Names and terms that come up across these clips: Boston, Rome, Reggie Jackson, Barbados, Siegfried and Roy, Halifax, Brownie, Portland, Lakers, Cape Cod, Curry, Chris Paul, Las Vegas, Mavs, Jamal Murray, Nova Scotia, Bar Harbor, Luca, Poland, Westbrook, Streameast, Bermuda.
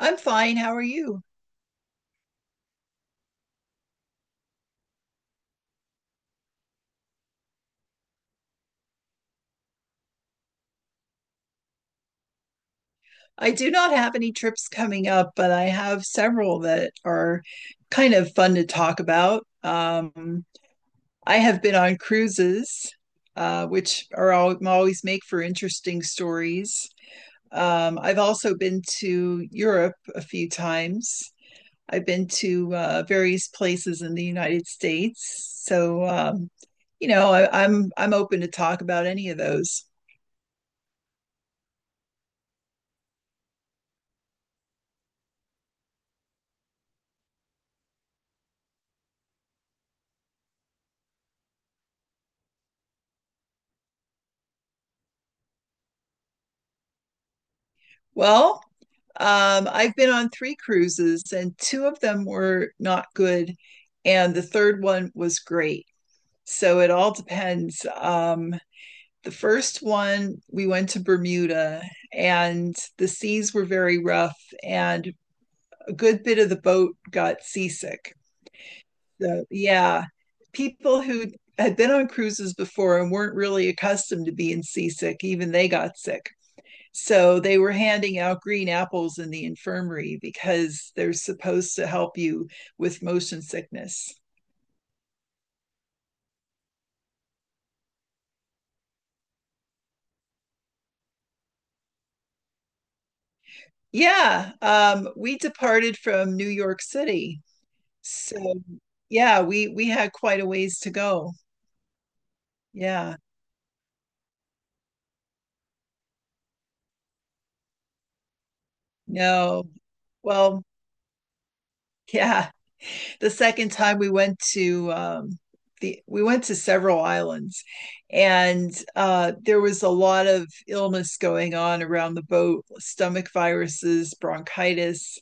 I'm fine. How are you? I do not have any trips coming up, but I have several that are kind of fun to talk about. I have been on cruises, which are all, always make for interesting stories. I've also been to Europe a few times. I've been to various places in the United States. So I'm open to talk about any of those. Well, I've been on three cruises, and two of them were not good, and the third one was great. So it all depends. The first one, we went to Bermuda, and the seas were very rough, and a good bit of the boat got seasick. So, yeah, people who had been on cruises before and weren't really accustomed to being seasick, even they got sick. So they were handing out green apples in the infirmary because they're supposed to help you with motion sickness. Yeah, we departed from New York City. So yeah, we had quite a ways to go. Yeah. No. Well, yeah. The second time we went to several islands, and there was a lot of illness going on around the boat: stomach viruses, bronchitis,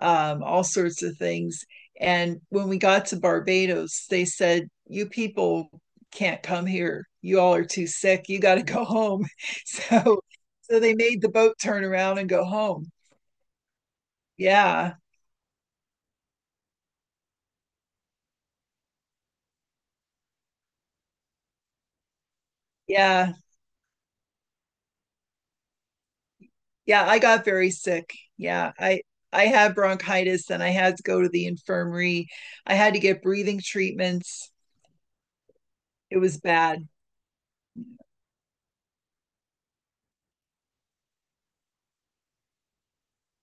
all sorts of things. And when we got to Barbados, they said, "You people can't come here. You all are too sick. You got to go home." So, so they made the boat turn around and go home. Yeah, yeah. Yeah, I got very sick. Yeah, I had bronchitis and I had to go to the infirmary. I had to get breathing treatments. It was bad.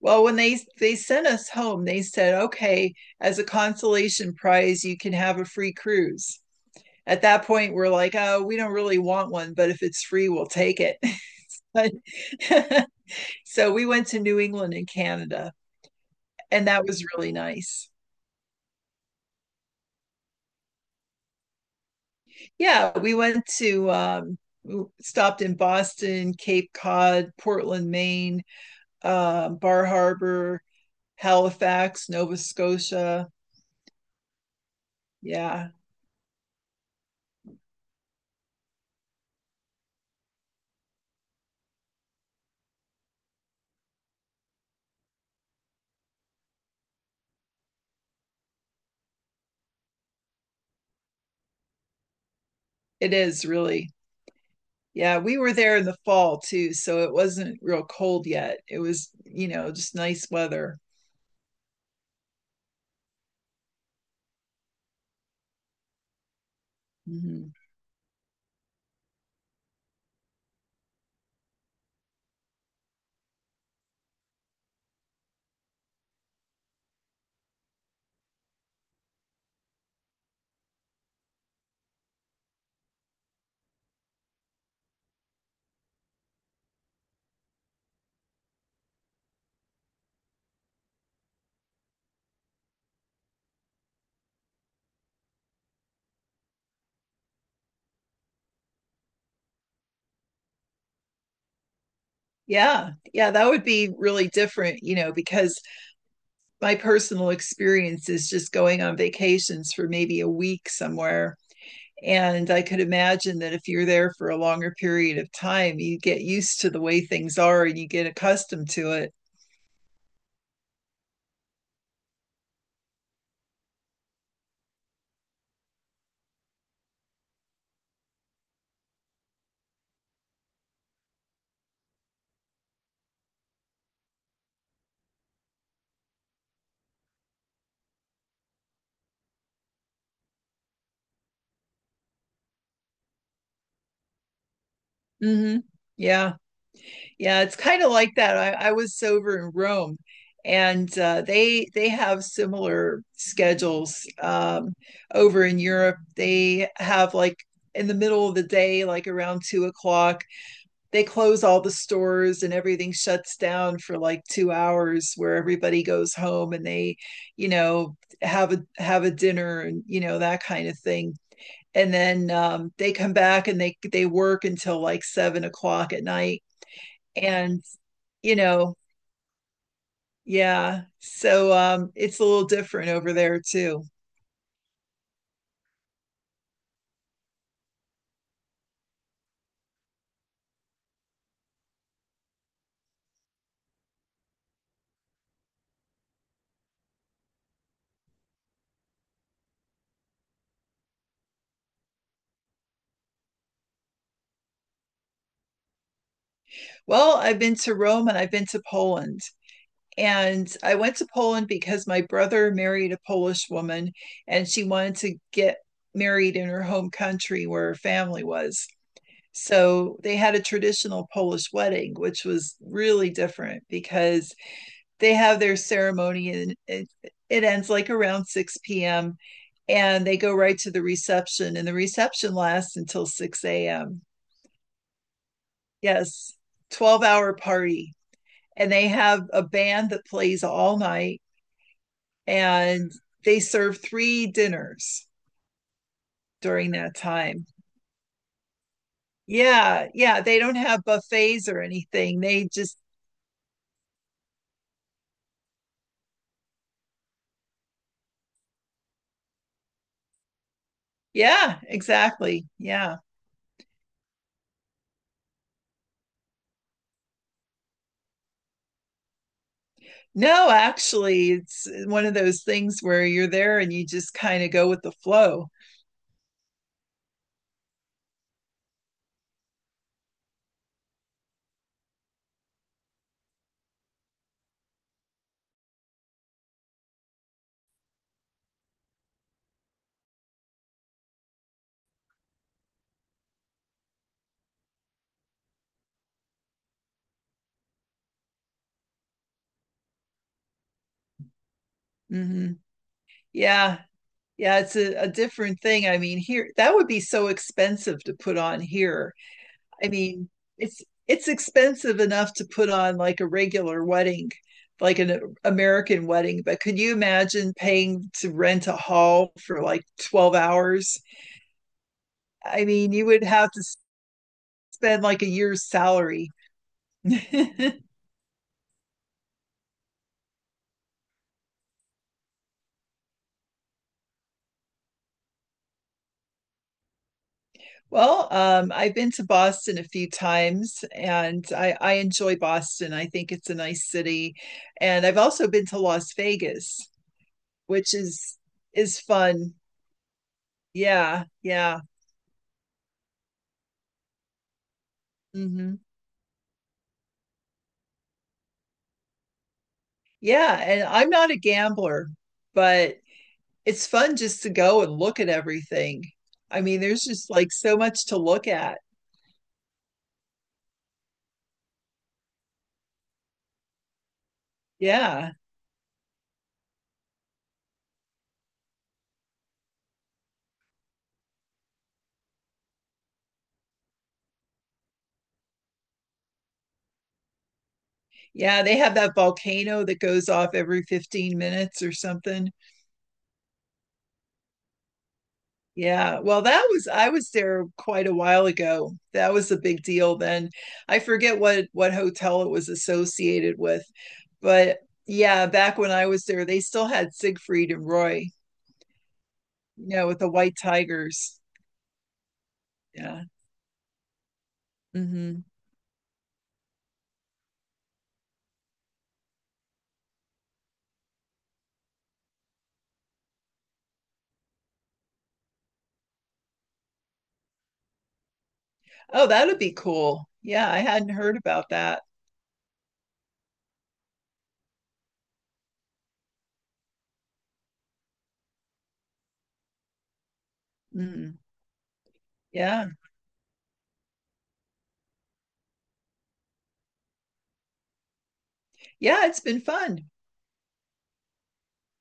Well, when they sent us home, they said, "Okay, as a consolation prize, you can have a free cruise." At that point, we're like, "Oh, we don't really want one, but if it's free, we'll take it." but So we went to New England and Canada, and that was really nice. Yeah, we went to stopped in Boston, Cape Cod, Portland, Maine, Bar Harbor, Halifax, Nova Scotia. Yeah, it is really. Yeah, we were there in the fall too, so it wasn't real cold yet. It was, you know, just nice weather. Mhm. Yeah, yeah, that would be really different, you know, because my personal experience is just going on vacations for maybe a week somewhere. And I could imagine that if you're there for a longer period of time, you get used to the way things are and you get accustomed to it. Hmm. Yeah. Yeah, it's kind of like that. I was over in Rome, and they have similar schedules over in Europe. They have like in the middle of the day, like around 2 o'clock, they close all the stores and everything shuts down for like 2 hours where everybody goes home and they, you know, have a dinner and you know that kind of thing. And then they come back and they work until like 7 o'clock at night, and you know, yeah. So it's a little different over there too. Well, I've been to Rome and I've been to Poland. And I went to Poland because my brother married a Polish woman, and she wanted to get married in her home country where her family was. So they had a traditional Polish wedding, which was really different because they have their ceremony and it ends like around 6 p.m., and they go right to the reception, and the reception lasts until 6 a.m. Yes, 12 hour party. And they have a band that plays all night, and they serve three dinners during that time. Yeah, yeah, they don't have buffets or anything. They just yeah, exactly. Yeah. No, actually, it's one of those things where you're there and you just kind of go with the flow. Hmm. Yeah. Yeah, it's a different thing. I mean, here, that would be so expensive to put on here. I mean, it's expensive enough to put on like a regular wedding, like an American wedding, but could you imagine paying to rent a hall for like 12 hours? I mean, you would have to spend like a year's salary. Well, I've been to Boston a few times, and I enjoy Boston. I think it's a nice city. And I've also been to Las Vegas, which is fun. Yeah, yeah. Hmm. Yeah, and I'm not a gambler, but it's fun just to go and look at everything. I mean, there's just like so much to look at. Yeah. Yeah, they have that volcano that goes off every 15 minutes or something. Yeah. Well, that was I was there quite a while ago. That was a big deal then. I forget what hotel it was associated with, but yeah, back when I was there, they still had Siegfried and Roy, you know, with the white tigers. Yeah. Hmm. Oh, that would be cool. Yeah, I hadn't heard about that. Mm, yeah. Yeah, it's been fun.